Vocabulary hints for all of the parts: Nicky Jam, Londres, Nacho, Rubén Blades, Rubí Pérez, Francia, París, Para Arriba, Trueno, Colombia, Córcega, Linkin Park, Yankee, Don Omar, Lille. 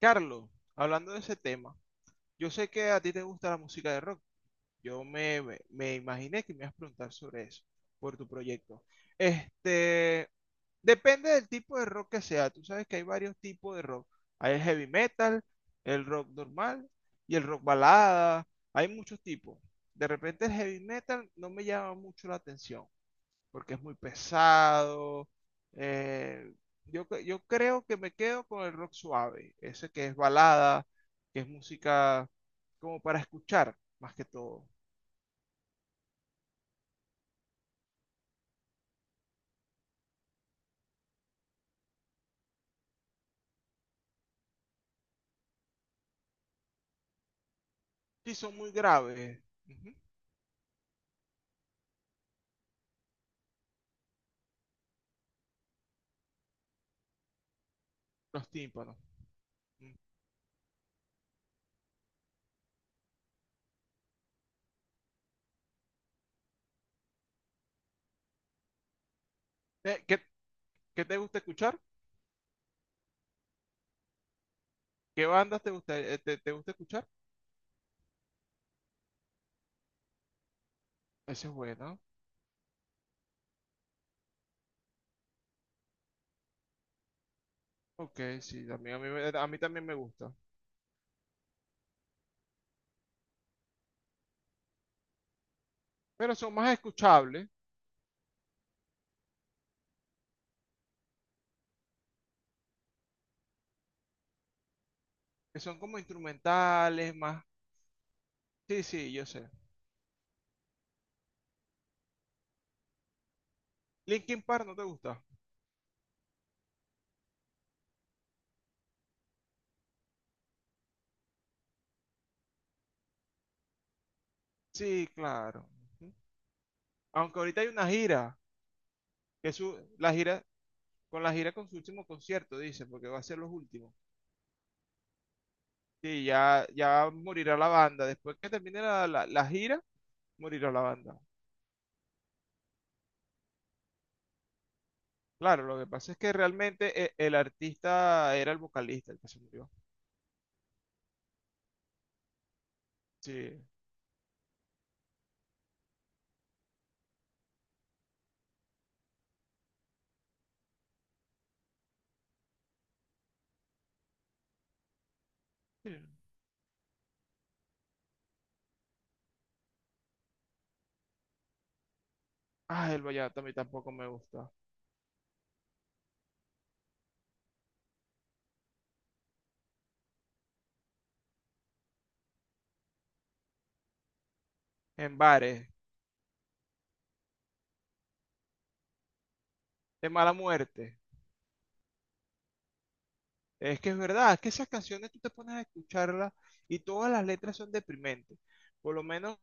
Carlos, hablando de ese tema, yo sé que a ti te gusta la música de rock. Yo me imaginé que me ibas a preguntar sobre eso, por tu proyecto. Este, Depende del tipo de rock que sea. Tú sabes que hay varios tipos de rock. Hay el heavy metal, el rock normal y el rock balada. Hay muchos tipos. De repente el heavy metal no me llama mucho la atención porque es muy pesado. eh, yo creo que me quedo con el rock suave, ese que es balada, que es música como para escuchar, más que todo. Sí, son muy graves, ujú, los tímpanos. Mm. Eh, ¿Qué, qué te gusta escuchar? ¿Qué bandas te gusta, te, te gusta escuchar? Ese es bueno. Ok, sí, también a mí también me gusta. Pero son más escuchables, que son como instrumentales, más. Sí, sí, yo sé. Linkin Park no te gusta. Sí, claro. Aunque ahorita hay una gira, que es la gira, con la gira con su último concierto, dice, porque va a ser los últimos. Sí, ya, ya morirá la banda. Después que termine la gira, morirá la banda. Claro, lo que pasa es que realmente el artista era el vocalista el que se murió. Sí, sí. Ah, el vallenato a mí tampoco me gusta. En bares, de mala muerte. Es que es verdad, es que esas canciones tú te pones a escucharlas y todas las letras son deprimentes. Por lo menos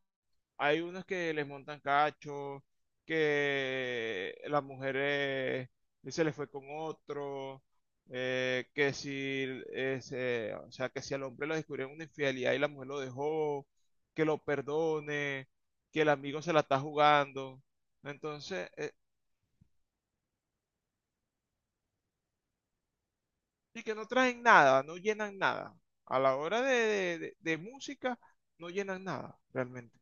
hay unos que les montan cacho, que las mujeres se les fue con otro, que si ese, o sea, que si al hombre lo descubrieron una infidelidad y la mujer lo dejó, que lo perdone, que el amigo se la está jugando. Entonces, y que no traen nada, no llenan nada. A la hora de música, no llenan nada, realmente.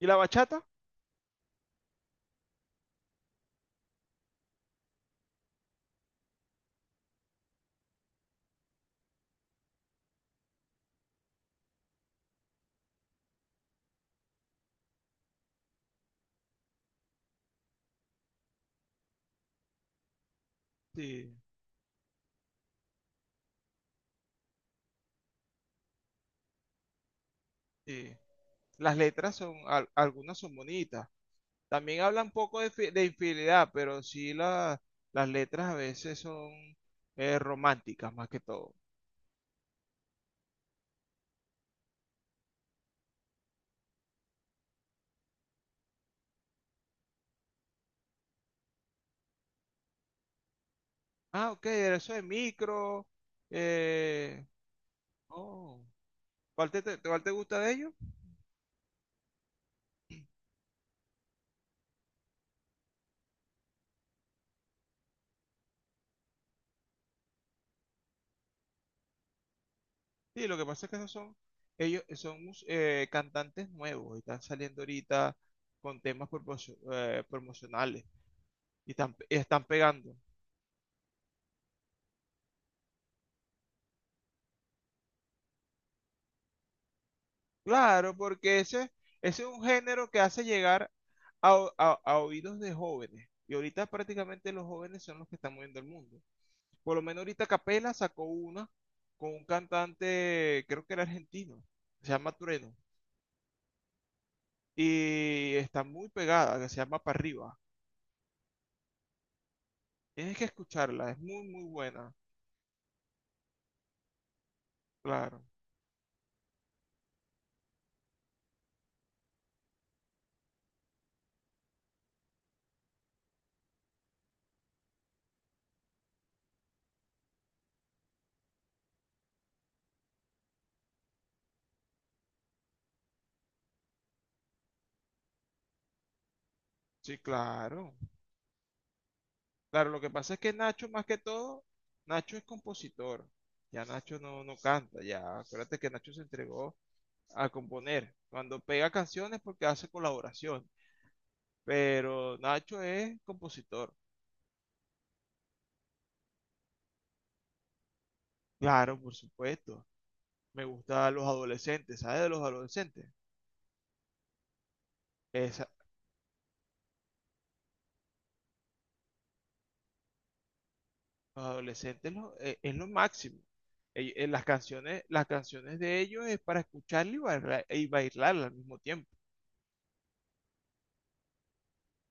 ¿Y la bachata? Sí, sí. Las letras son, algunas son bonitas. También habla un poco de, de infidelidad, pero sí las letras a veces son románticas más que todo. Ah, ok, eso de micro. eh, oh, ¿Cuál te, cuál te gusta de ellos? Sí, lo que pasa es que esos son, ellos son cantantes nuevos y están saliendo ahorita con temas promocionales y y están pegando. Claro, porque ese es un género que hace llegar a oídos de jóvenes. Y ahorita prácticamente los jóvenes son los que están moviendo el mundo. Por lo menos ahorita Capela sacó una con un cantante, creo que era argentino, se llama Trueno. Y está muy pegada, que se llama Para Arriba. Tienes que escucharla, es muy, muy buena. Claro, sí, claro. Claro, lo que pasa es que Nacho, más que todo, Nacho es compositor. Ya Nacho no, no canta, ya. Acuérdate que Nacho se entregó a componer. Cuando pega canciones porque hace colaboración. Pero Nacho es compositor. Claro, por supuesto. Me gustan los adolescentes. ¿Sabes de los adolescentes? Esa- los adolescentes es lo máximo. Las canciones, las canciones de ellos es para escucharla y bailar, y bailarla al mismo tiempo.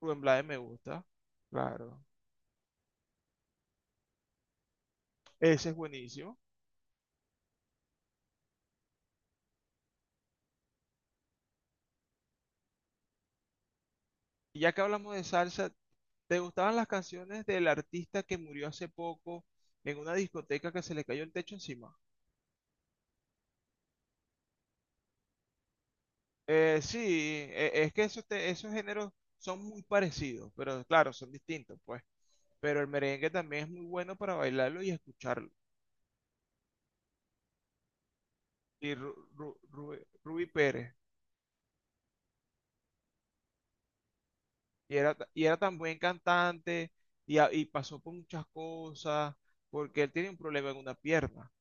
Rubén Blades me gusta. Claro. Ese es buenísimo. Y ya que hablamos de salsa, ¿te gustaban las canciones del artista que murió hace poco en una discoteca que se le cayó el techo encima? Sí, es que esos, esos géneros son muy parecidos, pero claro, son distintos, pues. Pero el merengue también es muy bueno para bailarlo y escucharlo. Y Rubí Pérez, y y era tan buen cantante y, y pasó por muchas cosas, porque él tiene un problema en una pierna.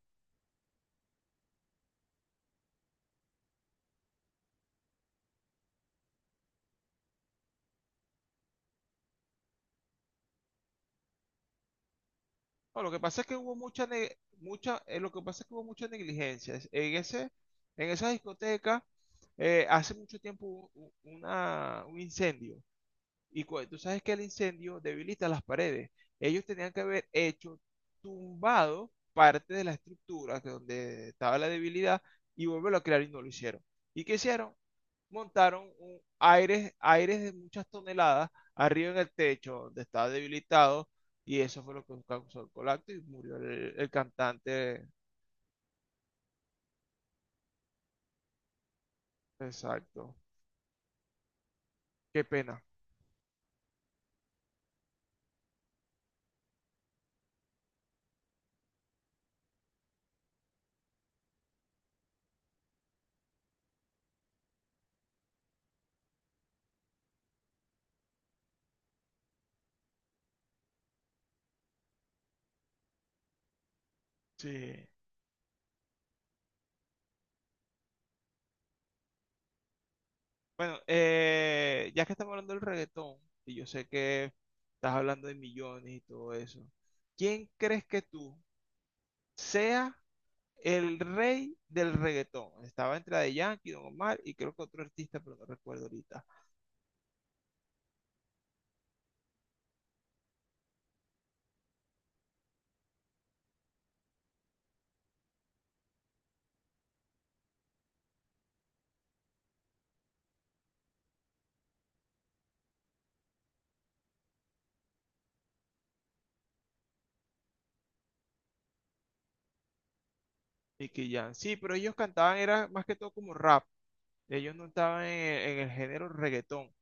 No, lo que pasa es que hubo mucha, ne- mucha, lo que pasa es que hubo mucha negligencia. En ese, en esa discoteca, hace mucho tiempo hubo una, un incendio y tú sabes que el incendio debilita las paredes. Ellos tenían que haber hecho tumbado parte de la estructura que donde estaba la debilidad y volverlo a crear y no lo hicieron. ¿Y qué hicieron? Montaron un aires, aires de muchas toneladas arriba en el techo donde estaba debilitado y eso fue lo que causó el colapso y murió el cantante. Exacto. Qué pena. Sí. Bueno, ya que estamos hablando del reggaetón, y yo sé que estás hablando de millones y todo eso, ¿quién crees que tú sea el rey del reggaetón? Estaba entre de Yankee, Don Omar y creo que otro artista, pero no recuerdo ahorita. Nicky Jam. Sí, pero ellos cantaban, era más que todo como rap. Ellos no estaban en el género reggaetón.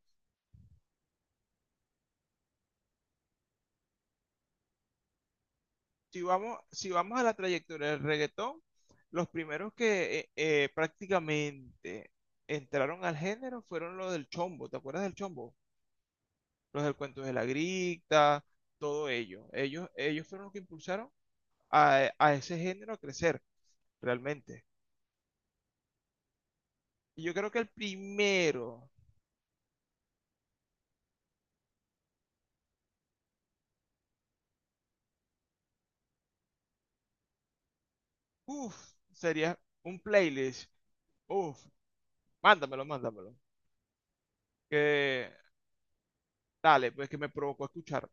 Si vamos a la trayectoria del reggaetón, los primeros que prácticamente entraron al género fueron los del chombo, ¿te acuerdas del chombo? Los del cuento de la grita, todo ello. Ellos fueron los que impulsaron a ese género a crecer, realmente. Y yo creo que el primero, uff, sería un playlist. Uff, mándamelo, mándamelo. Que dale, pues que me provocó a escuchar.